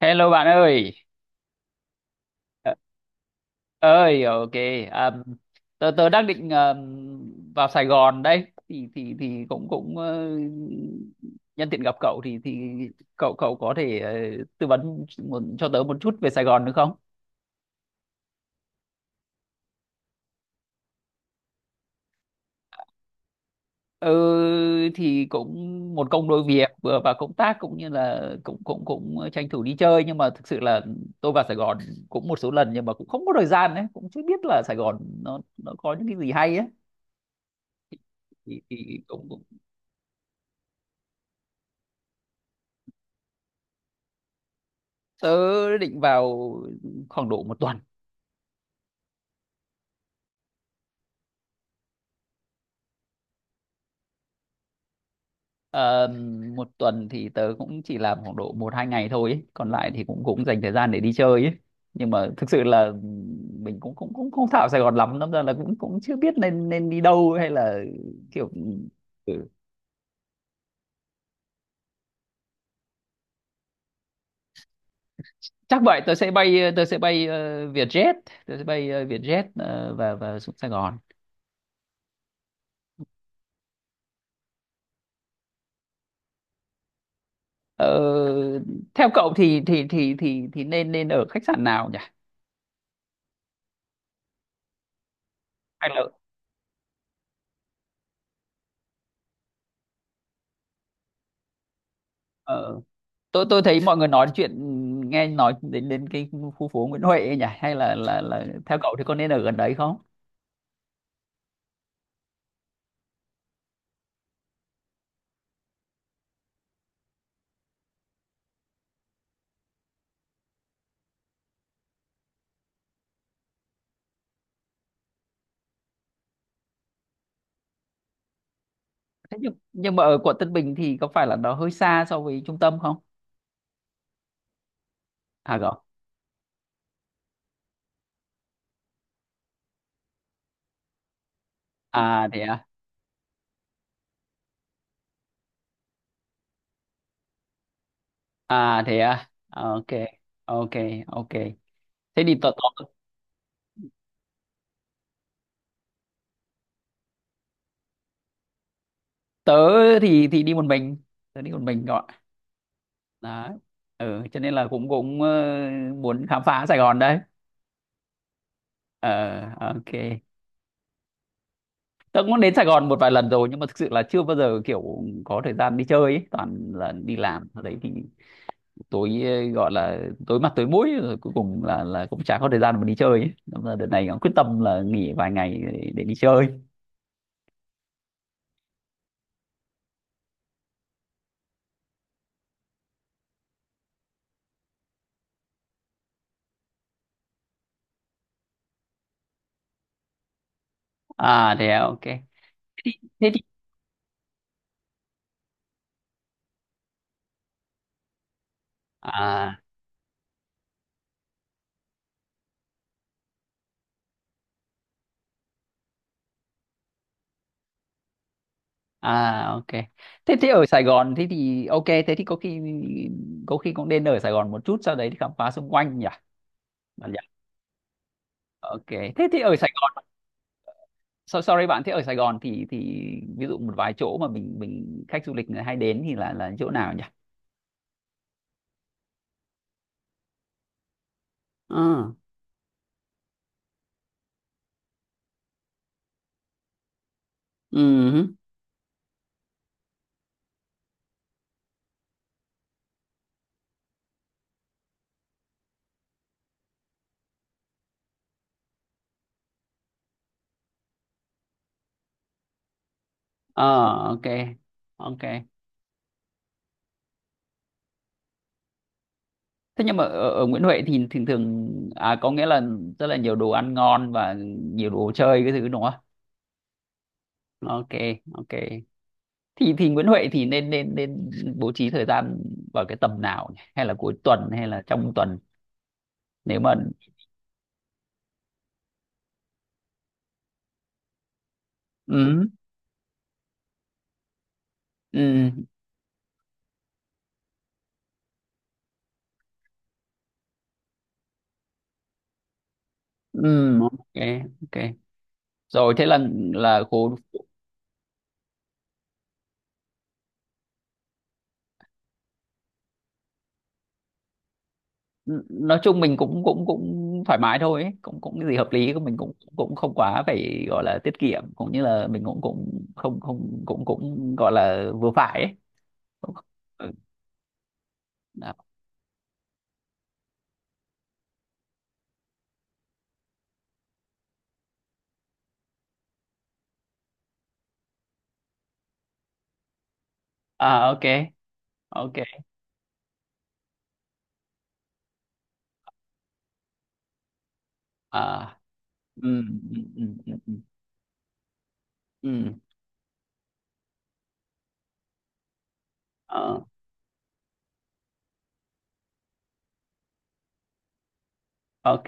Hello bạn ơi. Ờ, ơi, ok. um, tớ tớ đang định vào Sài Gòn đây thì cũng cũng nhân tiện gặp cậu thì cậu cậu có thể tư vấn một, cho tớ một chút về Sài Gòn được không? Ừ, thì cũng một công đôi việc, vừa vào công tác cũng như là cũng cũng cũng tranh thủ đi chơi, nhưng mà thực sự là tôi vào Sài Gòn cũng một số lần nhưng mà cũng không có thời gian, đấy cũng chưa biết là Sài Gòn nó có những cái gì hay ấy. Thì cũng tớ định vào khoảng độ một tuần. Ờ, một tuần thì tớ cũng chỉ làm khoảng độ một hai ngày thôi ấy. Còn lại thì cũng cũng dành thời gian để đi chơi ấy. Nhưng mà thực sự là mình cũng cũng cũng không thạo Sài Gòn lắm, đâm ra là cũng cũng chưa biết nên nên đi đâu hay là kiểu. Ừ. Chắc vậy, tớ sẽ bay Vietjet, tớ sẽ bay Vietjet, và xuống Sài Gòn. Ờ, theo cậu thì thì nên nên ở khách sạn nào nhỉ? Hay là. Ờ, tôi thấy mọi người nói chuyện, nghe nói đến đến cái khu phố Nguyễn Huệ ấy nhỉ, hay là là theo cậu thì có nên ở gần đấy không? Thế nhưng mà ở quận Tân Bình thì có phải là nó hơi xa so với trung tâm không, à cậu? À thế à. À thế à. À, ok. Ok, ok, thế thì tớ tớ thì đi một mình, tớ đi một mình gọi đó. Ừ, cho nên là cũng cũng muốn khám phá Sài Gòn đấy. Ờ, ok. Tớ cũng đến Sài Gòn một vài lần rồi nhưng mà thực sự là chưa bao giờ kiểu có thời gian đi chơi ấy. Toàn là đi làm ở đấy thì tối gọi là tối mặt tối mũi, rồi cuối cùng là cũng chả có thời gian mà đi chơi ấy. Nên là đợt này cũng quyết tâm là nghỉ vài ngày để đi chơi. À thế à, ok. Thế thì. À, à, ok. Thế thế ở Sài Gòn, thế thì ok, thế thì có khi cũng nên ở Sài Gòn một chút, sau đấy thì khám phá xung quanh nhỉ. Bạn nhỉ? Ok. Thế thì ở Sài Gòn. Sorry bạn, thế ở Sài Gòn thì ví dụ một vài chỗ mà mình khách du lịch người hay đến thì là chỗ nào nhỉ? Ờ. Ừ. Ờ, ok, ok. Thế nhưng mà ở Nguyễn Huệ thì thường thường à, có nghĩa là rất là nhiều đồ ăn ngon và nhiều đồ chơi cái thứ đúng không? Ok, ok. Thì Nguyễn Huệ thì nên nên nên bố trí thời gian vào cái tầm nào nhỉ? Hay là cuối tuần hay là trong tuần nếu mà. Ừ. Ừ. Ừ. Ok, ok, rồi thế là khu. Nói chung mình cũng cũng cũng thoải mái thôi ấy. Cũng cũng cái gì hợp lý của mình cũng cũng không quá phải gọi là tiết kiệm, cũng như là mình cũng cũng không không cũng cũng gọi là vừa phải ấy. Ừ. Đó. À, ok, ok. À. ừ ừ ừ ừ. Ừ. Ờ, ok,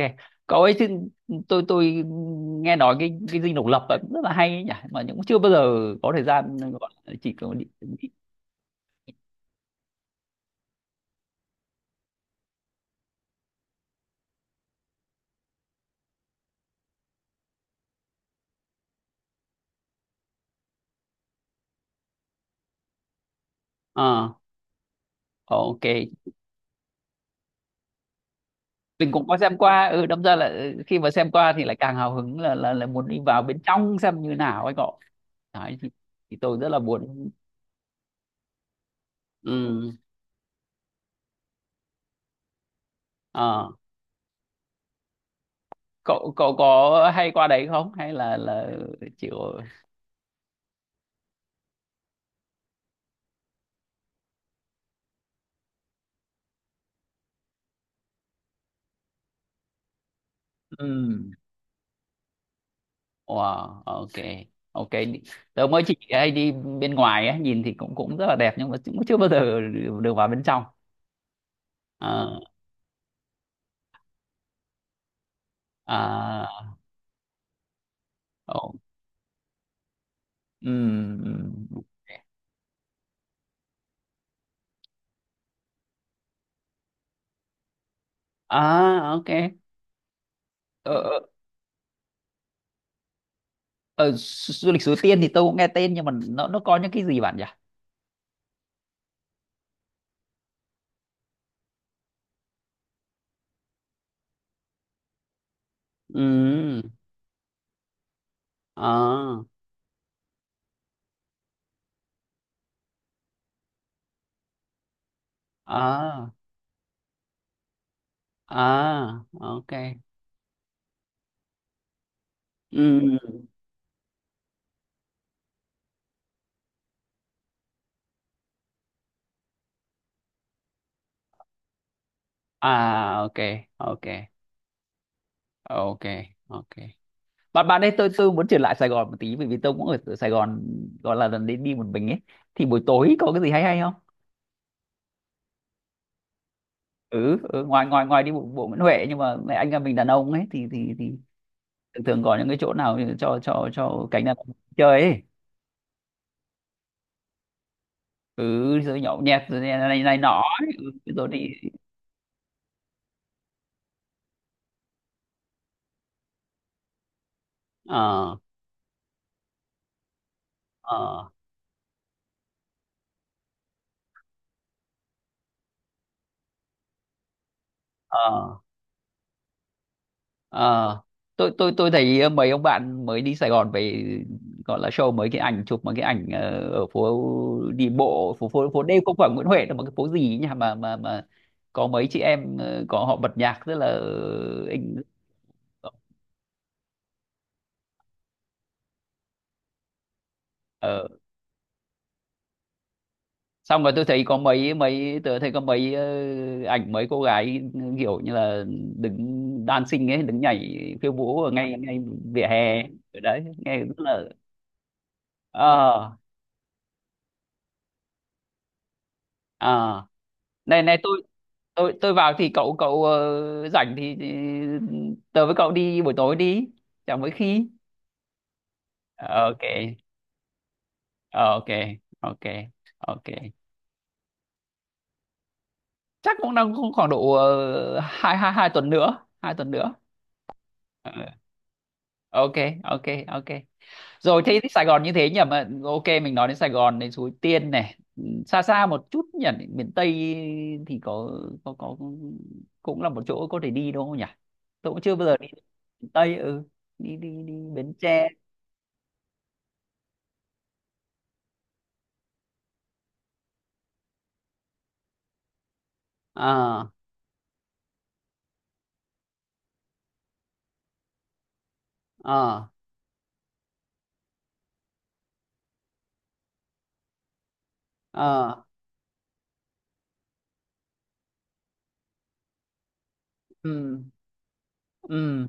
cậu ấy chứ. Tôi nghe nói cái dinh độc lập ấy cũng rất là hay ấy nhỉ, mà cũng chưa bao giờ có thời gian, gọi là chỉ có đi, đi. Ờ, ok. Mình cũng có xem qua, ừ, đâm ra là ừ, khi mà xem qua thì lại càng hào hứng là muốn đi vào bên trong xem như nào ấy cậu. Đấy thì tôi rất là muốn. Ừ. Ờ. cậu cậu có hay qua đấy không, hay là chịu? Ừ. Wow, ok, ok. Tớ mới chỉ hay đi bên ngoài ấy, nhìn thì cũng cũng rất là đẹp nhưng mà cũng chưa bao giờ được được vào bên trong. Ờ. À. Ồ, ừ, ừ. À, ok. Ờ, ờ. Ờ, du du lịch Suối Tiên thì tôi cũng nghe tên nhưng mà nó có những cái gì bạn nhỉ? Ừ. À. À. Ờ, ok. Ừ. À, ok, ok, ok, ok. Bạn bạn ấy, tôi muốn trở lại Sài Gòn một tí, bởi vì tôi cũng ở ở Sài Gòn gọi là lần đi đi một mình ấy. Thì buổi tối có cái gì hay hay không? Ừ, ừ, ngoài ngoài ngoài đi bộ bộ Nguyễn Huệ, nhưng mà mẹ anh em mình đàn ông ấy thì thì thường thường có những cái chỗ nào cho cho cánh đàn ông chơi ấy. Ừ, rồi nhậu nhẹt, rồi này này, này nọ ấy. Ừ, rồi đi. Ờ ờ ờ ờ Tôi thấy mấy ông bạn mới đi Sài Gòn về, gọi là show mấy cái ảnh chụp mấy cái ảnh ở phố đi bộ, phố phố phố đêm, không phải Nguyễn Huệ đâu mà cái phố gì ấy nhỉ, mà có mấy chị em, có họ bật nhạc rất là anh. Xong rồi tôi thấy có mấy mấy tôi thấy có mấy ảnh mấy cô gái kiểu như là đứng dancing ấy, đứng nhảy khiêu vũ ở ngay ngay vỉa hè, ở đấy nghe rất là. Ờ. À, này này, tôi tôi vào thì cậu cậu rảnh thì tớ với cậu đi buổi tối đi, chẳng mấy khi. Ok ok ok ok. Chắc cũng đang cũng khoảng độ hai hai hai tuần nữa, Ờ, ok, ok ok. Rồi thế thì Sài Gòn như thế nhỉ, mà ok, mình nói đến Sài Gòn, đến Suối Tiên này. Ừ, xa xa một chút nhỉ, miền Tây thì có có cũng là một chỗ có thể đi đúng không nhỉ, tôi cũng chưa bao giờ đi miền Tây, ừ, đi đi đi Bến Tre. Ờ ờ ờ. ừ ừ.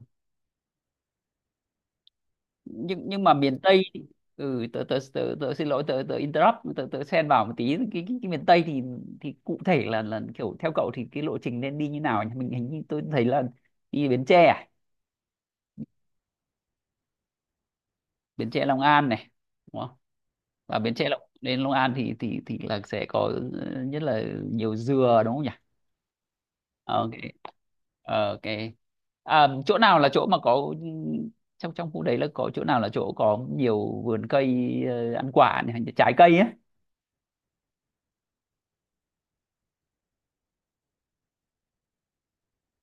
nhưng mà miền Tây thì. Ừ, tớ xin lỗi, tớ tớ interrupt, tớ tớ xen vào một tí cái, miền Tây thì cụ thể là kiểu theo cậu thì cái lộ trình nên đi như nào nhỉ, mình hình như tôi thấy là đi Bến Tre à? Bến Tre Long An này, đúng không? Và Bến Tre Long đến Long An thì thì là sẽ có ừ, nhất là nhiều dừa, đúng không nhỉ? Ờ, ok. Ờ, ok. À, chỗ nào là chỗ mà có ừ, trong trong khu đấy là có chỗ nào là chỗ có nhiều vườn cây ăn quả này, hay là trái cây ấy?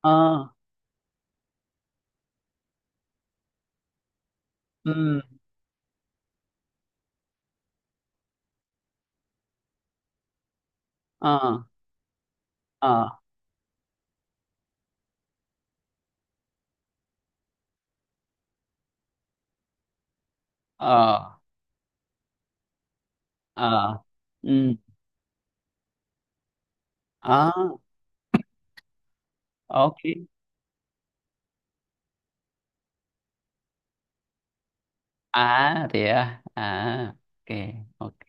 Ờ. Ừ. ờ ờ ờ ờ. ừ. Ờ, ok. À thế à. À, ok, ok.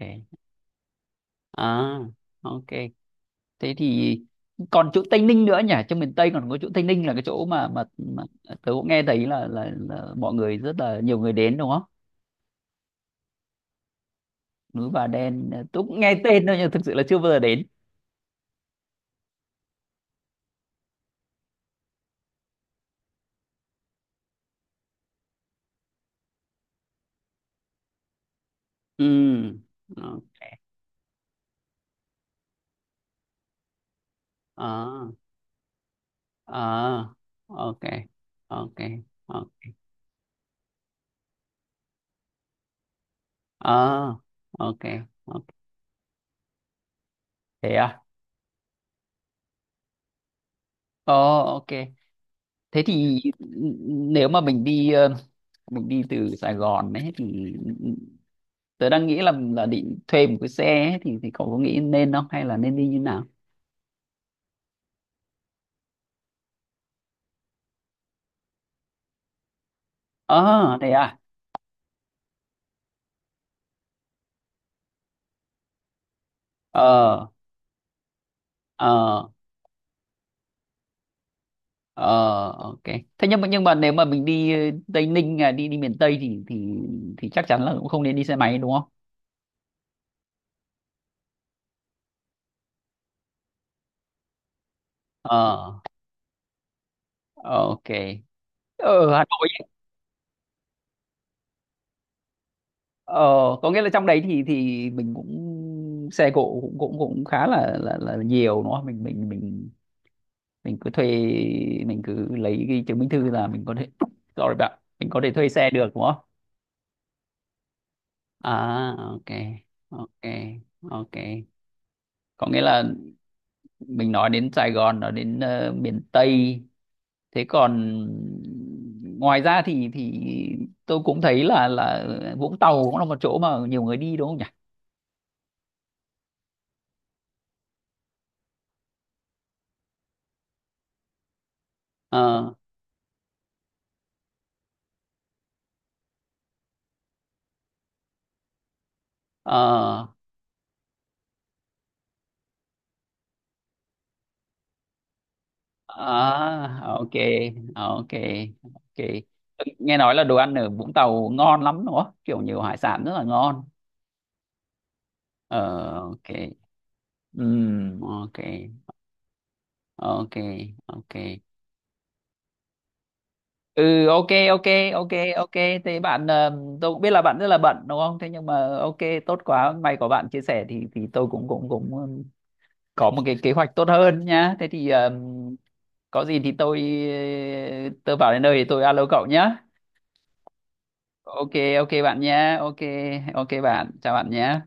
À, ok. Thế thì còn chỗ Tây Ninh nữa nhỉ, trong miền Tây còn có chỗ Tây Ninh là cái chỗ mà tớ cũng nghe thấy là mọi người rất là nhiều người đến đúng không? Núi Bà Đen, ờ, tớ cũng nghe tên thôi nhưng thực sự là chưa bao giờ đến. Ừ. Ok. À, à, ok, ok, ok. À, ok. Ok, thế à. Ờ, ok. Thế thì nếu mà mình đi mình đi từ Sài Gòn ấy, thì tớ đang nghĩ là định thuê một cái xe ấy, thì cậu có nghĩ nên không, hay là nên đi như nào? Ờ thế à. Ờ ờ ờ. ok. Thế nhưng mà nếu mà mình đi Tây Ninh à, đi đi miền Tây thì chắc chắn là cũng không nên đi xe máy đúng không? Ờ, ok. Ở Hà Nội ấy, ờ, có nghĩa là trong đấy thì mình cũng xe cộ cũng cũng cũng khá là là nhiều đúng không, mình mình cứ thuê, mình cứ lấy cái chứng minh thư là mình có thể sorry bạn, mình có thể thuê xe được đúng không? À, ok ok ok. Có nghĩa là mình nói đến Sài Gòn, nói đến miền Tây, thế còn ngoài ra thì tôi cũng thấy là Vũng Tàu cũng là một chỗ mà nhiều người đi đúng không nhỉ? Ờ ờ. à, ok ok ok. Nghe nói là đồ ăn ở Vũng Tàu ngon lắm đúng không, kiểu nhiều hải sản rất là ngon. Ờ, ok. Ừm, ok ok ok. Ừ, ok, ok ok ok. Thế bạn tôi cũng biết là bạn rất là bận đúng không, thế nhưng mà ok, tốt quá, may có bạn chia sẻ thì tôi cũng cũng cũng có một cái kế hoạch tốt hơn nhá, thế thì có gì thì tôi ờ, tôi vào đến nơi thì tôi alo cậu nhá. Ok, ok bạn nhá, ok, ok bạn, chào bạn nhé.